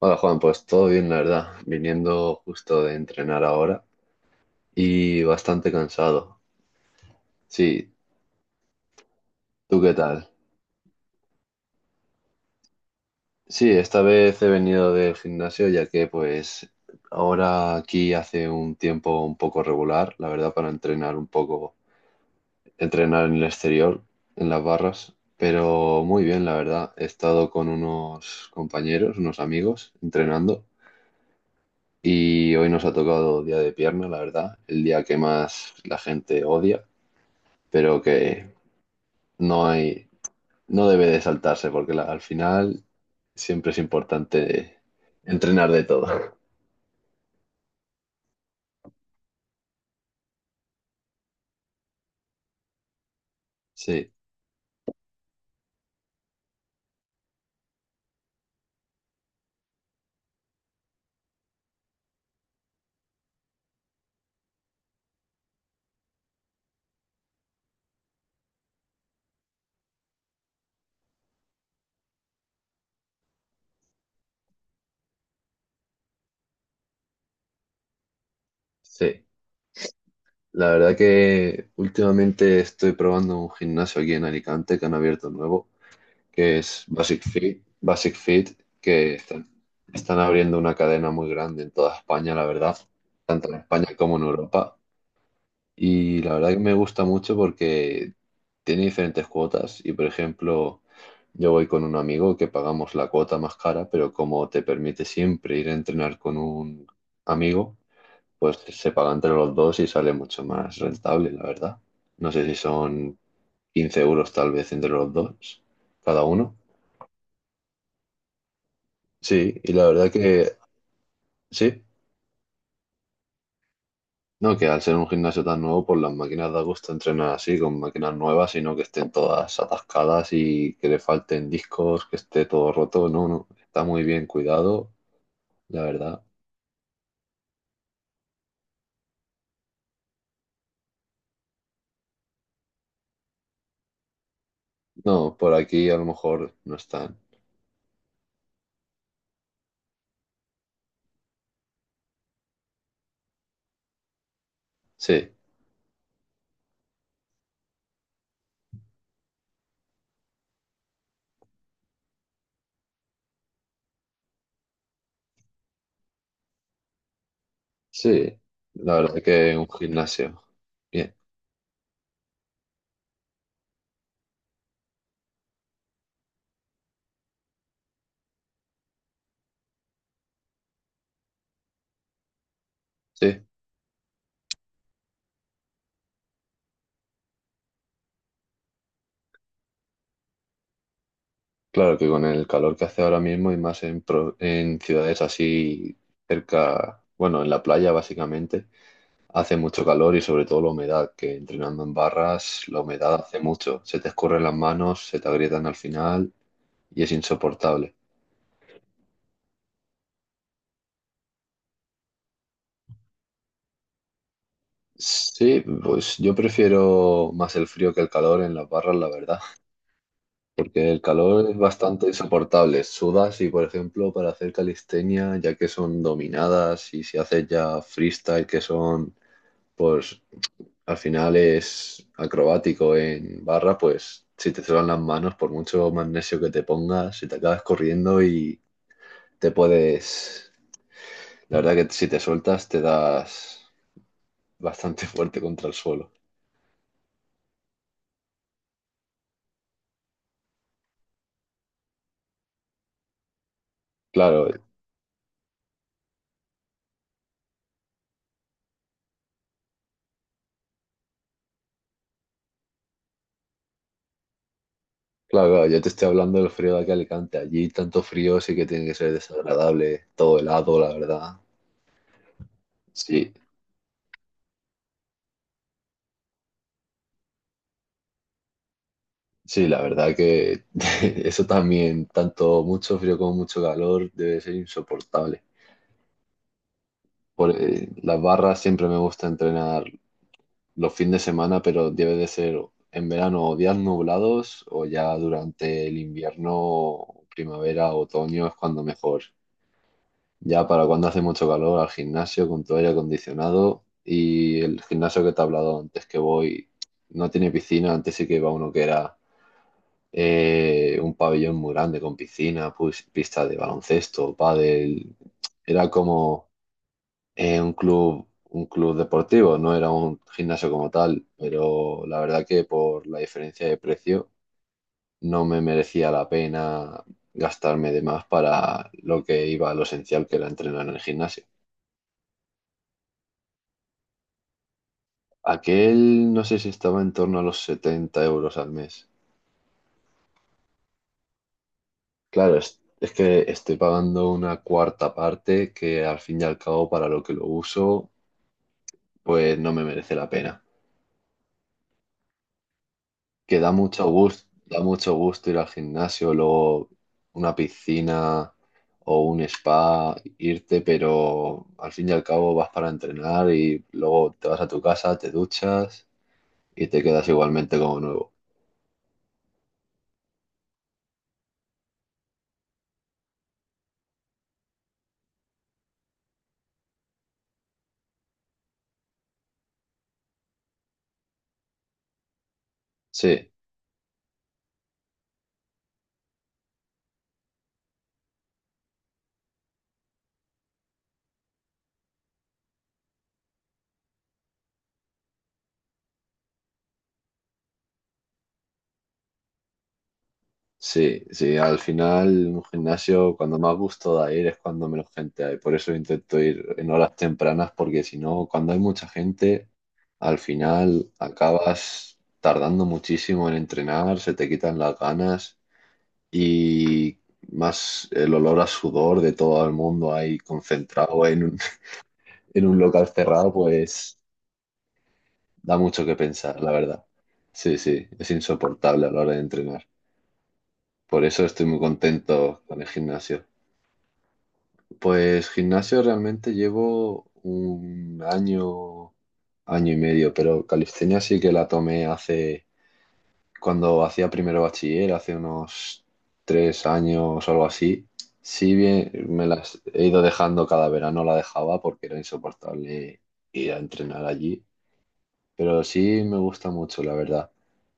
Hola Juan, pues todo bien, la verdad, viniendo justo de entrenar ahora y bastante cansado. Sí, ¿tú qué tal? Sí, esta vez he venido del gimnasio ya que pues ahora aquí hace un tiempo un poco regular, la verdad, para entrenar un poco, entrenar en el exterior, en las barras, pero muy bien, la verdad. He estado con unos compañeros, unos amigos, entrenando. Y hoy nos ha tocado día de pierna, la verdad, el día que más la gente odia. Pero que no hay, no debe de saltarse porque al final siempre es importante entrenar de todo. Sí, sí. La verdad que últimamente estoy probando un gimnasio aquí en Alicante que han abierto nuevo, que es Basic Fit, que están abriendo una cadena muy grande en toda España, la verdad, tanto en España como en Europa. Y la verdad que me gusta mucho porque tiene diferentes cuotas y, por ejemplo, yo voy con un amigo que pagamos la cuota más cara, pero como te permite siempre ir a entrenar con un amigo, pues se paga entre los dos y sale mucho más rentable, la verdad. No sé si son 15 euros tal vez entre los dos, cada uno. Sí, y la verdad que sí. No, que al ser un gimnasio tan nuevo, pues las máquinas da gusto entrenar así, con máquinas nuevas, sino que estén todas atascadas y que le falten discos, que esté todo roto. No, no, está muy bien cuidado, la verdad. No, por aquí a lo mejor no están. Sí, sí, la verdad que un gimnasio. Bien, sí. Claro que con el calor que hace ahora mismo y más en ciudades así cerca, bueno, en la playa básicamente hace mucho calor y sobre todo la humedad, que entrenando en barras la humedad hace mucho. Se te escurren las manos, se te agrietan al final y es insoportable. Sí, pues yo prefiero más el frío que el calor en las barras, la verdad, porque el calor es bastante insoportable. Sudas y, por ejemplo, para hacer calistenia, ya que son dominadas y si haces ya freestyle, que son, pues al final es acrobático en barra, pues si te suenan las manos, por mucho magnesio que te pongas, si te acabas corriendo y te puedes. La verdad que si te sueltas te das bastante fuerte contra el suelo. Claro, claro, claro, yo te estoy hablando del frío de aquí a Alicante. Allí tanto frío sí que tiene que ser desagradable, todo helado, la verdad. Sí, sí, la verdad que eso también, tanto mucho frío como mucho calor, debe ser insoportable. Por, las barras siempre me gusta entrenar los fines de semana, pero debe de ser en verano o días nublados o ya durante el invierno, primavera, otoño es cuando mejor. Ya para cuando hace mucho calor al gimnasio con tu aire acondicionado y el gimnasio que te he hablado antes que voy no tiene piscina, antes sí que iba uno que era un pabellón muy grande con piscina, pues, pista de baloncesto, pádel, era como un club, deportivo, no era un gimnasio como tal, pero la verdad que por la diferencia de precio no me merecía la pena gastarme de más para lo que iba a lo esencial que era entrenar en el gimnasio. Aquel no sé si estaba en torno a los 70 euros al mes. Claro, es que estoy pagando una cuarta parte que al fin y al cabo para lo que lo uso, pues no me merece la pena. Que da mucho gusto ir al gimnasio, luego una piscina o un spa, irte, pero al fin y al cabo vas para entrenar y luego te vas a tu casa, te duchas y te quedas igualmente como nuevo. Sí, sí, sí, al final un gimnasio cuando más gusto da ir es cuando menos gente hay. Por eso intento ir en horas tempranas porque si no, cuando hay mucha gente, al final acabas tardando muchísimo en entrenar, se te quitan las ganas y más el olor a sudor de todo el mundo ahí concentrado en un, en un local cerrado, pues da mucho que pensar, la verdad. Sí, sí, es insoportable a la hora de entrenar. Por eso estoy muy contento con el gimnasio. Pues gimnasio realmente llevo un año, año y medio, pero calistenia sí que la tomé hace, cuando hacía primero bachiller, hace unos 3 años o algo así. Sí bien, me las he ido dejando cada verano, la dejaba porque era insoportable ir a entrenar allí, pero sí me gusta mucho, la verdad.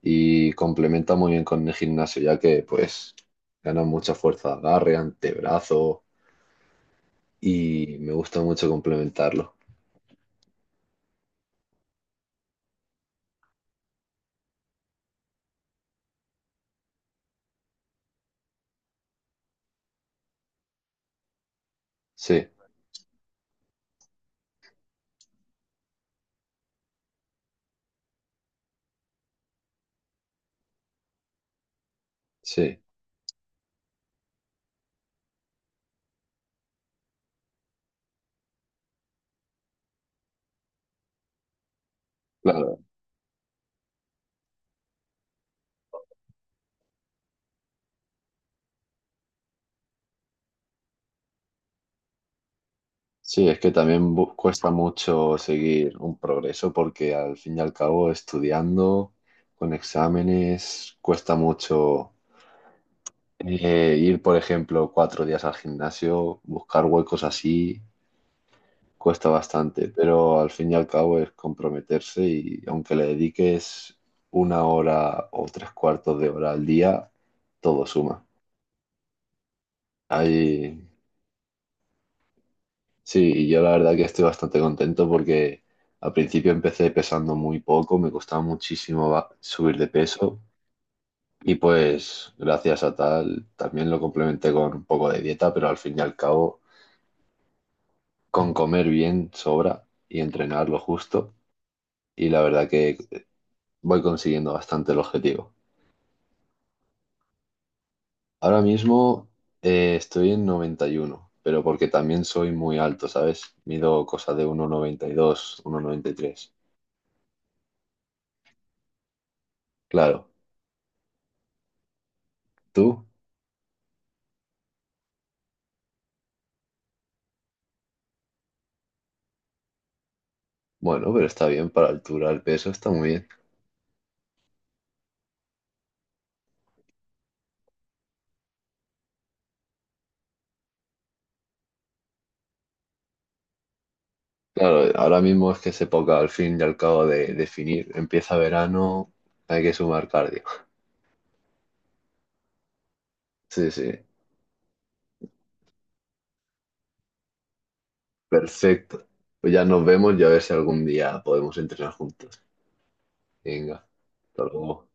Y complementa muy bien con el gimnasio, ya que pues ganan mucha fuerza, de agarre, antebrazo, y me gusta mucho complementarlo. Sí, sí, claro. Sí, es que también cuesta mucho seguir un progreso porque al fin y al cabo estudiando con exámenes cuesta mucho ir, por ejemplo, 4 días al gimnasio, buscar huecos así, cuesta bastante, pero al fin y al cabo es comprometerse y aunque le dediques una hora o tres cuartos de hora al día, todo suma. Hay, sí, y yo la verdad que estoy bastante contento porque al principio empecé pesando muy poco, me costaba muchísimo subir de peso y pues gracias a tal también lo complementé con un poco de dieta, pero al fin y al cabo con comer bien sobra y entrenar lo justo y la verdad que voy consiguiendo bastante el objetivo. Ahora mismo estoy en 91, pero porque también soy muy alto, ¿sabes? Mido cosa de uno noventa noventa y dos, uno noventa y tres. Claro, ¿tú? Bueno, pero está bien para altura, el peso está muy bien. Claro, ahora mismo es que es época al fin y al cabo de definir. Empieza verano, hay que sumar cardio. Sí, sí, perfecto. Pues ya nos vemos y a ver si algún día podemos entrenar juntos. Venga, hasta luego.